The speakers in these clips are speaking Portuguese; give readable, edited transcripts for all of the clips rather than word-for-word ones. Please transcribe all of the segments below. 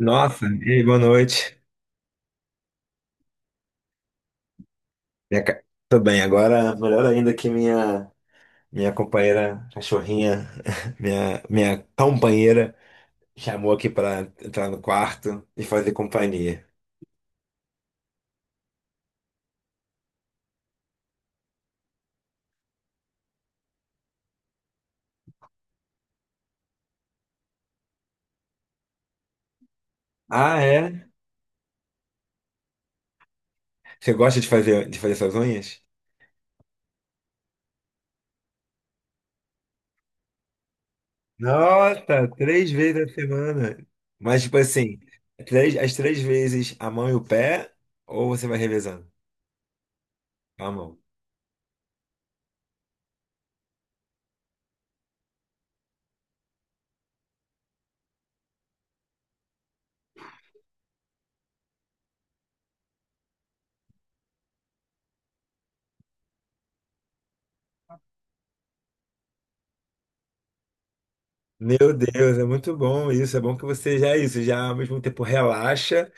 Nossa, e aí, boa noite. Minha ca- Tô bem, agora melhor ainda que minha companheira cachorrinha, minha companheira chamou aqui pra entrar no quarto e fazer companhia. Ah, é? Você gosta de fazer suas unhas? Nossa, 3 vezes a semana. Mas tipo assim, as três vezes a mão e o pé ou você vai revezando? A mão. Meu Deus, é muito bom isso. É bom que você já é isso, já ao mesmo tempo relaxa.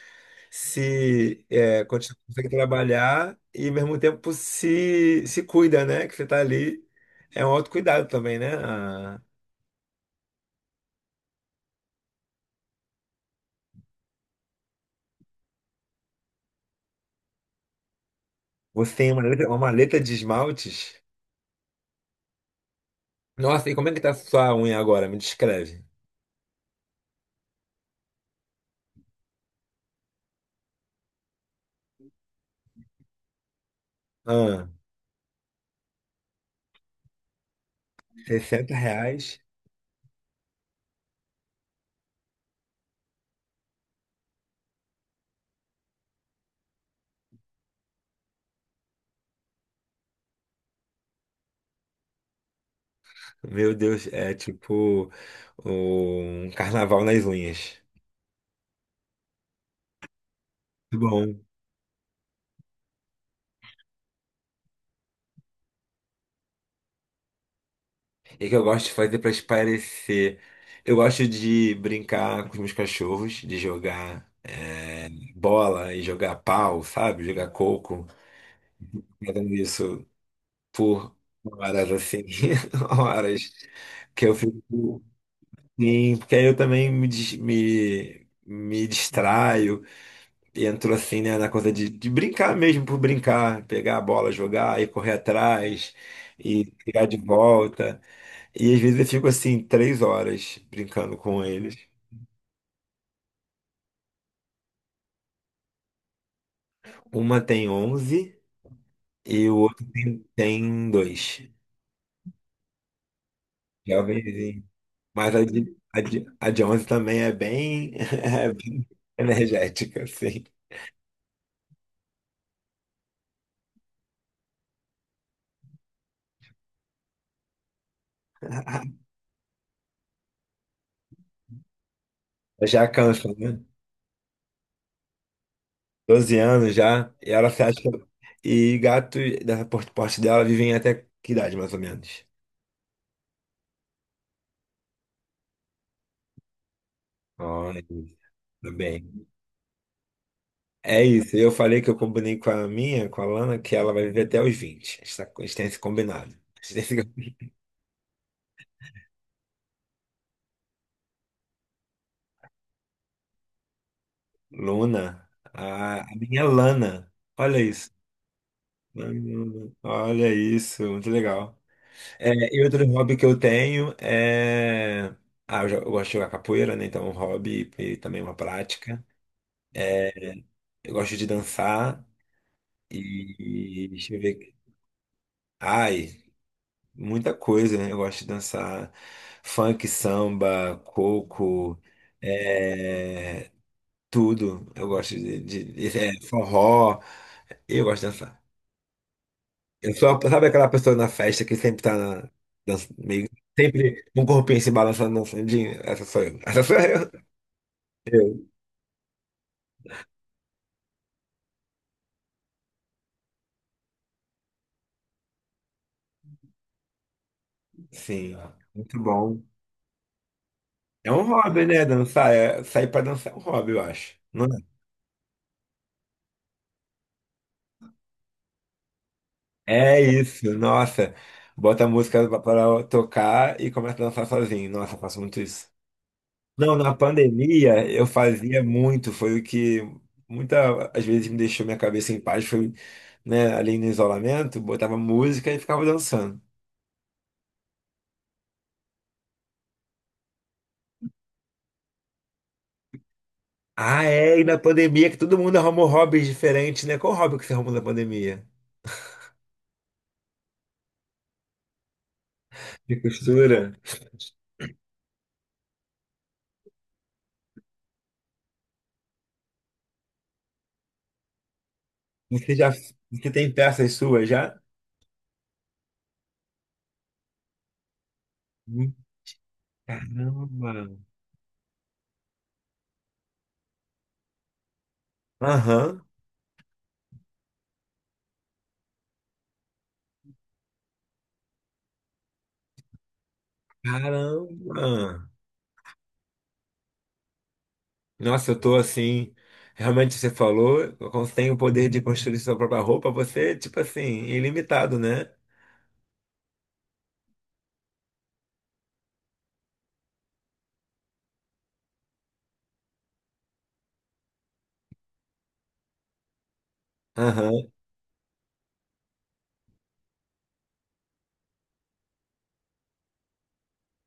Se é, continua, consegue trabalhar e ao mesmo tempo se cuida, né? Que você tá ali. É um autocuidado também, né? Você tem uma maleta de esmaltes. Nossa, e como é que tá sua unha agora? Me descreve. Ah, R$ 60. Meu Deus, é tipo um carnaval nas unhas. Muito bom, e o que eu gosto de fazer para espairecer? Eu gosto de brincar com os meus cachorros, de jogar é, bola e jogar pau, sabe? Jogar coco. Fazendo isso por horas assim, horas que eu fico. Sim, porque aí eu também me distraio, entro assim, né, na coisa de brincar mesmo por brincar, pegar a bola, jogar e correr atrás e pegar de volta. E às vezes eu fico assim, 3 horas brincando com eles. Uma tem 11 e o outro tem dois. Jovens. Mas a de 11 também é bem, é bem energética, assim. Já cansa, né? 12 anos já, e ela se acha. E gato dessa porte dela vivem até que idade, mais ou menos? Olha, tá bem. É isso, eu falei que eu combinei com a minha, com a Lana, que ela vai viver até os 20. A gente tem esse combinado. A gente tem esse- Luna, a minha é Lana, olha isso. Lana, olha isso, muito legal. É, e outro hobby que eu tenho é. Ah, eu gosto de jogar capoeira, né? Então é um hobby e também uma prática. Eu gosto de dançar e. Deixa eu ver. Ai, muita coisa, né? Eu gosto de dançar funk, samba, coco, é, tudo. Eu gosto de forró. Eu gosto de dançar. Eu sou, sabe aquela pessoa na festa que sempre tá na, meio. Sempre um corpinho se balançando, dançando. Essa sou eu. Essa sou eu. Eu, sim, muito bom. É um hobby, né? Dançar. Sair pra dançar é um hobby, eu acho. Não é? É isso, nossa. Bota a música pra tocar e começa a dançar sozinho. Nossa, eu faço muito isso. Não, na pandemia eu fazia muito, foi o que muita às vezes me deixou minha cabeça em paz, foi, né, ali no isolamento, botava música e ficava dançando. Ah, é, e na pandemia que todo mundo arrumou hobbies diferentes, né? Qual hobby que você arrumou na pandemia? De costura? Você tem peças suas já? Hum, Caramba. Aham. Caramba. Nossa, eu tô assim. Realmente você falou, tem o poder de construir sua própria roupa, você, tipo assim, ilimitado, né? Aham.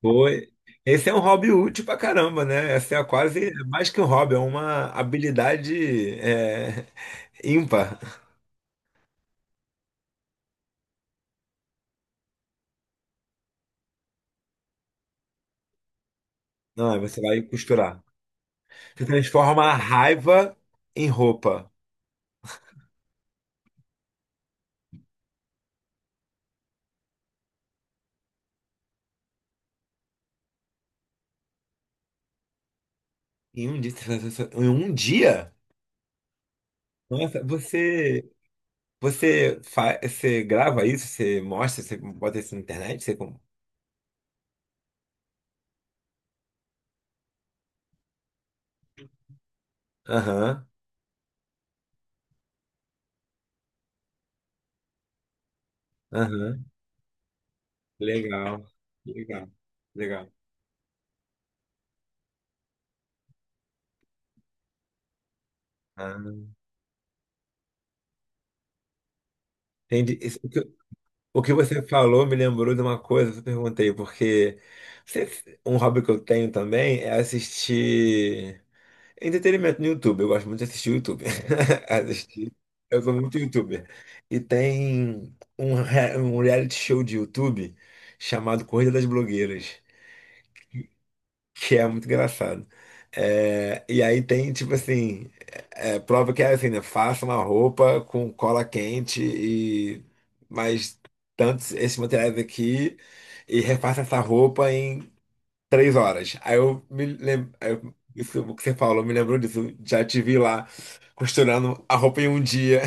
Foi. Esse é um hobby útil pra caramba, né? Essa é quase é mais que um hobby, é uma habilidade ímpar. Não, aí você vai costurar. Você transforma a raiva em roupa. Em um dia. Em um dia? Nossa, você grava isso, você mostra, você bota isso na internet? Você como? Aham, aham. Legal, legal, legal. Ah, entendi. O que, o que, você falou me lembrou de uma coisa que eu perguntei, porque um hobby que eu tenho também é assistir entretenimento no YouTube. Eu gosto muito de assistir YouTube. Assistir. Eu sou muito YouTuber. E tem um reality show de YouTube chamado Corrida das Blogueiras. Que é muito engraçado. É, e aí tem, tipo assim, prova que é assim, né? Faça uma roupa com cola quente e mais tantos esses materiais aqui e refaça essa roupa em 3 horas. Aí eu me lembro, isso que você falou, me lembrou disso. Já te vi lá costurando a roupa em um dia.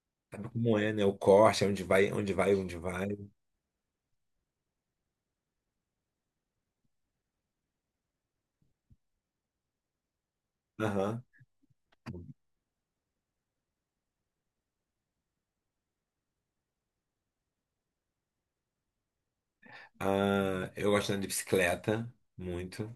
Sabe como é, né? O corte, é onde vai, onde vai, onde vai. Aham. Ah, eu gosto de andar de bicicleta, muito.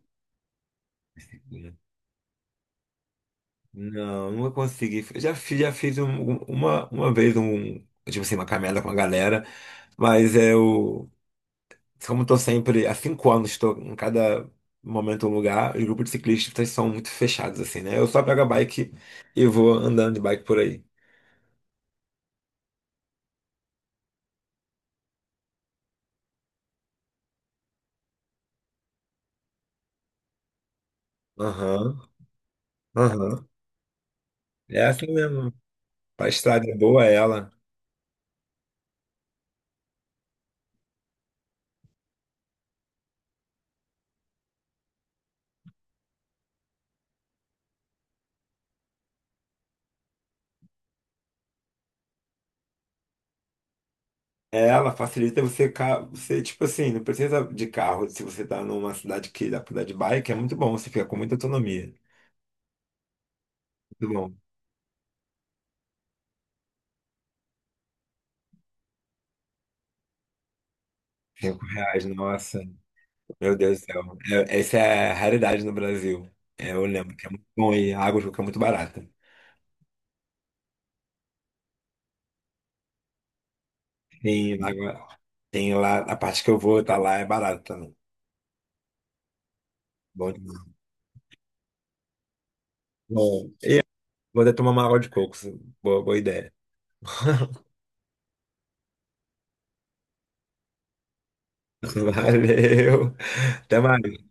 Não, nunca consegui. Eu já fiz uma vez um, tipo assim, uma caminhada com a galera, mas eu, como estou sempre, há 5 anos estou em cada momento um lugar, os grupos de ciclistas são muito fechados, assim, né? Eu só pego a bike e vou andando de bike por aí. Aham, aham. É assim mesmo. A estrada é boa, é ela. Ela facilita você, tipo assim, não precisa de carro. Se você tá numa cidade que dá pra andar de bike, é muito bom, você fica com muita autonomia. Muito bom. R$ 5, nossa. Meu Deus do céu. Essa é a raridade no Brasil. É, eu lembro que é muito bom e a água de coco é muito barata. Tem, água, tem lá, a parte que eu vou, tá lá, é barata também. Bom demais. Bom, e vou até tomar uma água de coco. Boa, boa ideia. Valeu. Até mais.